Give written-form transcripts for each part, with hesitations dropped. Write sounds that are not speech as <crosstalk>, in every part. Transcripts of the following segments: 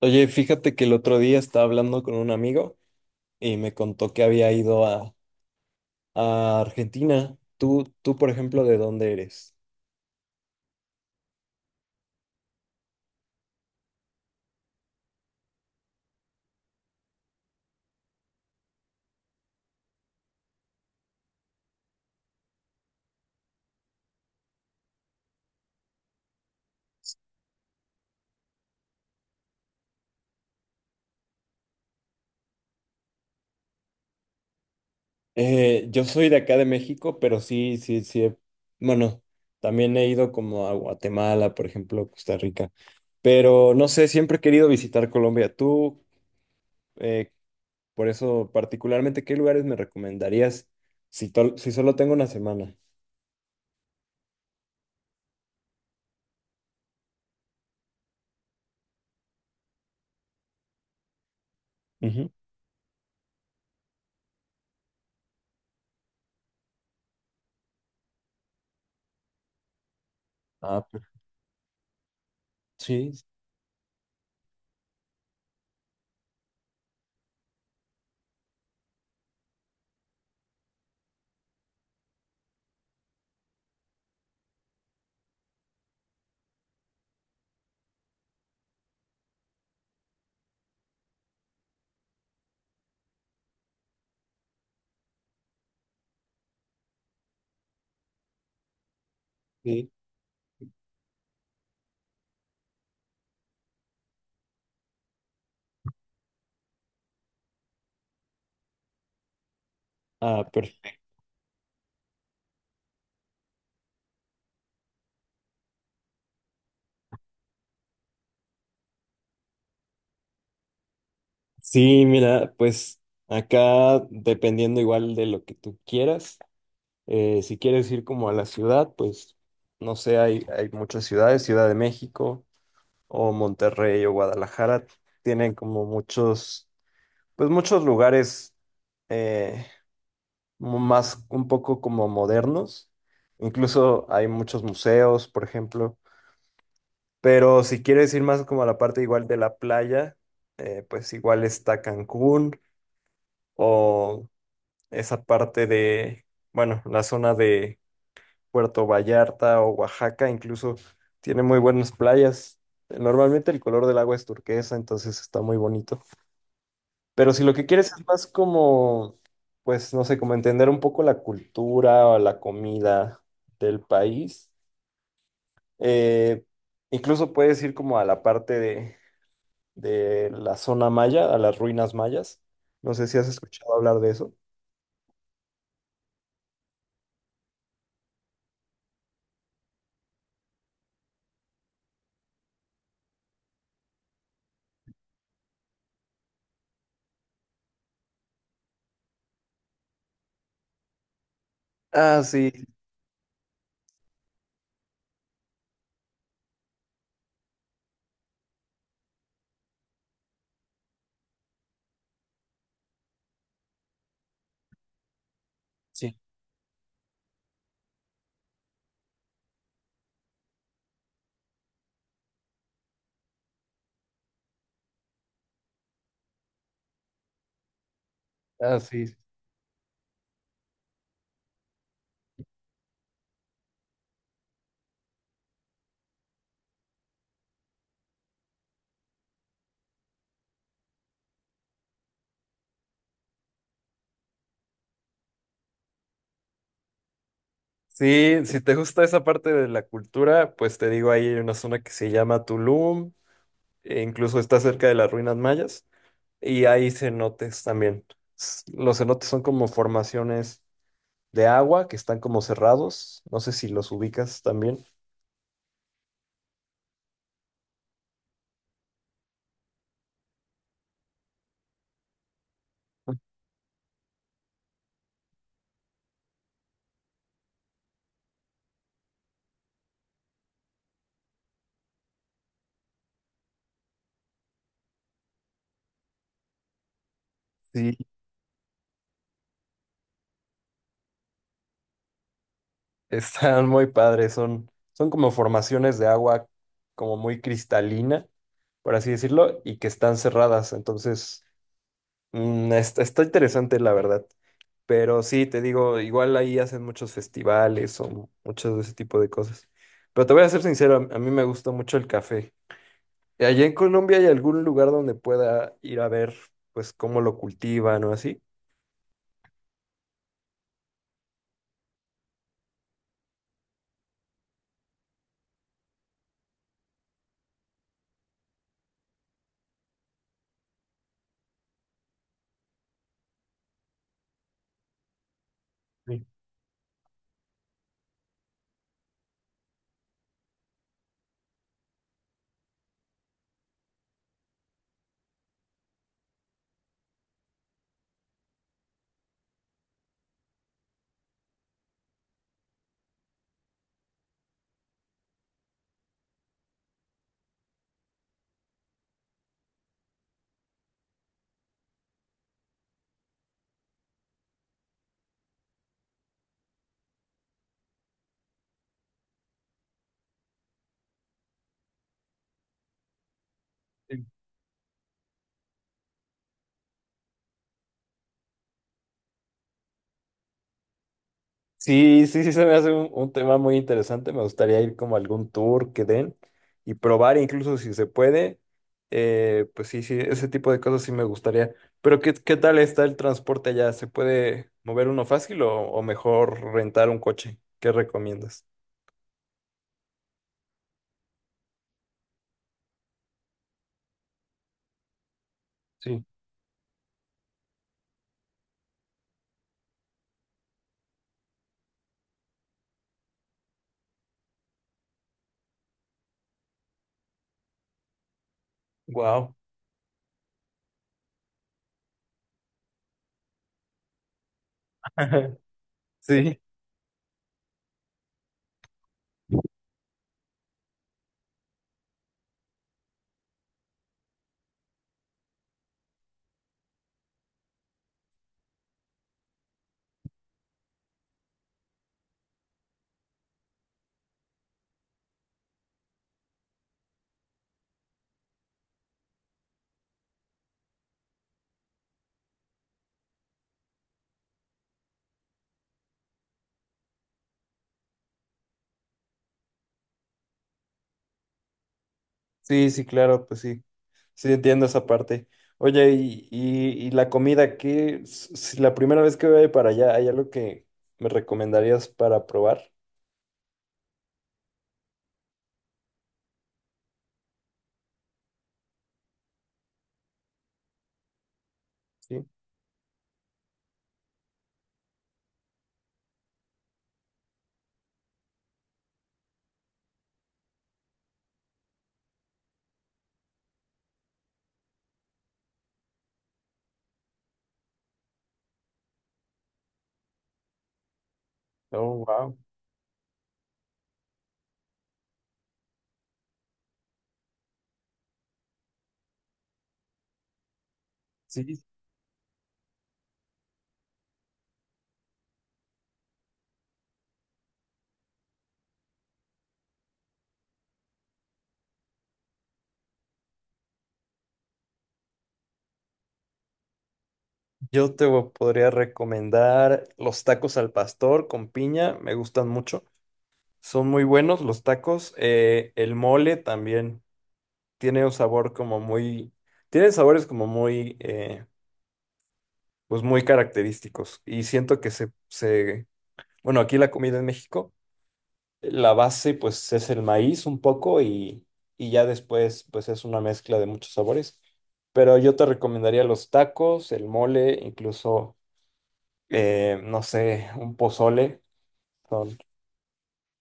Oye, fíjate que el otro día estaba hablando con un amigo y me contó que había ido a Argentina. Tú, por ejemplo, ¿de dónde eres? Yo soy de acá de México, pero sí. Bueno, también he ido como a Guatemala, por ejemplo, Costa Rica. Pero no sé, siempre he querido visitar Colombia. Tú, eh, por eso, particularmente, ¿qué lugares me recomendarías si, si solo tengo una semana? Ujú. Ah, per- sí, sí. Ah, sí, mira, pues acá dependiendo igual de lo que tú quieras, si quieres ir como a la ciudad, pues no sé, hay muchas ciudades, Ciudad de México o Monterrey o Guadalajara, tienen como muchos, pues muchos lugares eh, más un poco como modernos, incluso hay muchos museos, por ejemplo, pero si quieres ir más como a la parte igual de la playa, pues igual está Cancún. O esa parte de, bueno, la zona de Puerto Vallarta o Oaxaca, incluso tiene muy buenas playas. Normalmente el color del agua es turquesa, entonces está muy bonito. Pero si lo que quieres es más como, pues no sé, como entender un poco la cultura o la comida del país, eh, incluso puedes ir como a la parte de la zona maya, a las ruinas mayas. No sé si has escuchado hablar de eso. Ah, sí, sí. Ah, sí. Sí, si te gusta esa parte de la cultura, pues te digo, ahí hay una zona que se llama Tulum, e incluso está cerca de las ruinas mayas, y hay cenotes también. Los cenotes son como formaciones de agua que están como cerrados, no sé si los ubicas también. Sí, están muy padres, son como formaciones de agua como muy cristalina, por así decirlo, y que están cerradas, entonces mm, está interesante, la verdad. Pero sí, te digo, igual ahí hacen muchos festivales o muchos de ese tipo de cosas. Pero te voy a ser sincero, a mí me gusta mucho el café. ¿Y allá en Colombia hay algún lugar donde pueda ir a ver, pues, cómo lo cultivan o así? Sí. Sí, sí, sí, se me hace un tema muy interesante. Me gustaría ir como a algún tour que den y probar, incluso si se puede. Pues sí, sí, ese tipo de cosas sí me gustaría. Pero ¿qué, qué tal está el transporte allá? ¿Se puede mover uno fácil o mejor rentar un coche? ¿Qué recomiendas? Sí. Wow. <laughs> Sí. Sí, sí, claro, pues sí. Sí, entiendo esa parte. Oye, y la comida, ¿qué? Si la primera vez que voy para allá, ¿hay algo que me recomendarías para probar? Sí. Oh, wow. Sí, podría recomendar los tacos al pastor con piña, me gustan mucho. Son muy buenos los tacos. El mole también tiene un sabor como muy, tiene sabores como muy, pues muy característicos. Y siento que se bueno, aquí la comida en México, la base pues es el maíz un poco y ya después pues es una mezcla de muchos sabores. Pero yo te recomendaría los tacos, el mole, incluso, no sé, un pozole. son-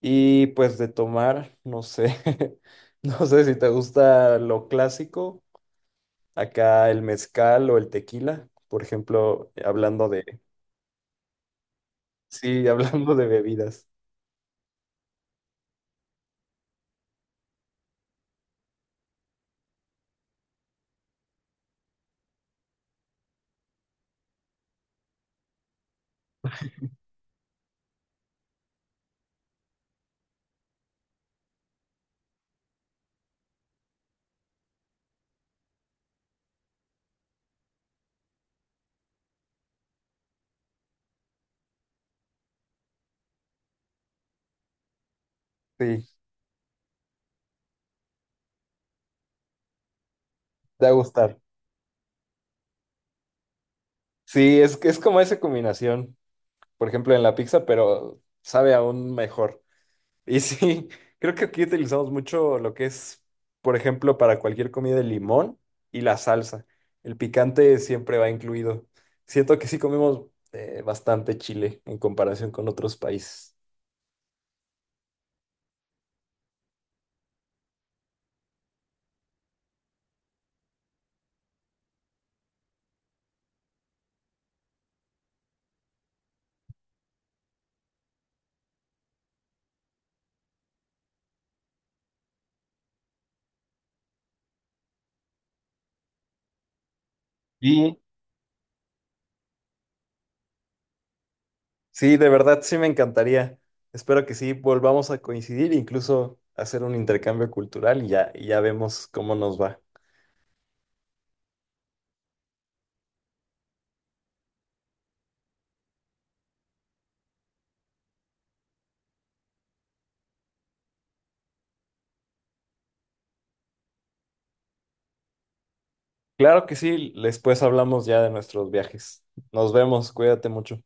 Y pues de tomar, no sé, <laughs> no sé si te gusta lo clásico, acá el mezcal o el tequila, por ejemplo, hablando de, sí, <laughs> hablando de bebidas. Sí, te va a gustar. Sí, es que es como esa combinación. Por ejemplo, en la pizza, pero sabe aún mejor. Y sí, <laughs> creo que aquí utilizamos mucho lo que es, por ejemplo, para cualquier comida, el limón y la salsa. El picante siempre va incluido. Siento que sí comemos bastante chile en comparación con otros países. Y sí, de verdad sí me encantaría. Espero que sí volvamos a coincidir, incluso hacer un intercambio cultural y ya vemos cómo nos va. Claro que sí, después hablamos ya de nuestros viajes. Nos vemos, cuídate mucho.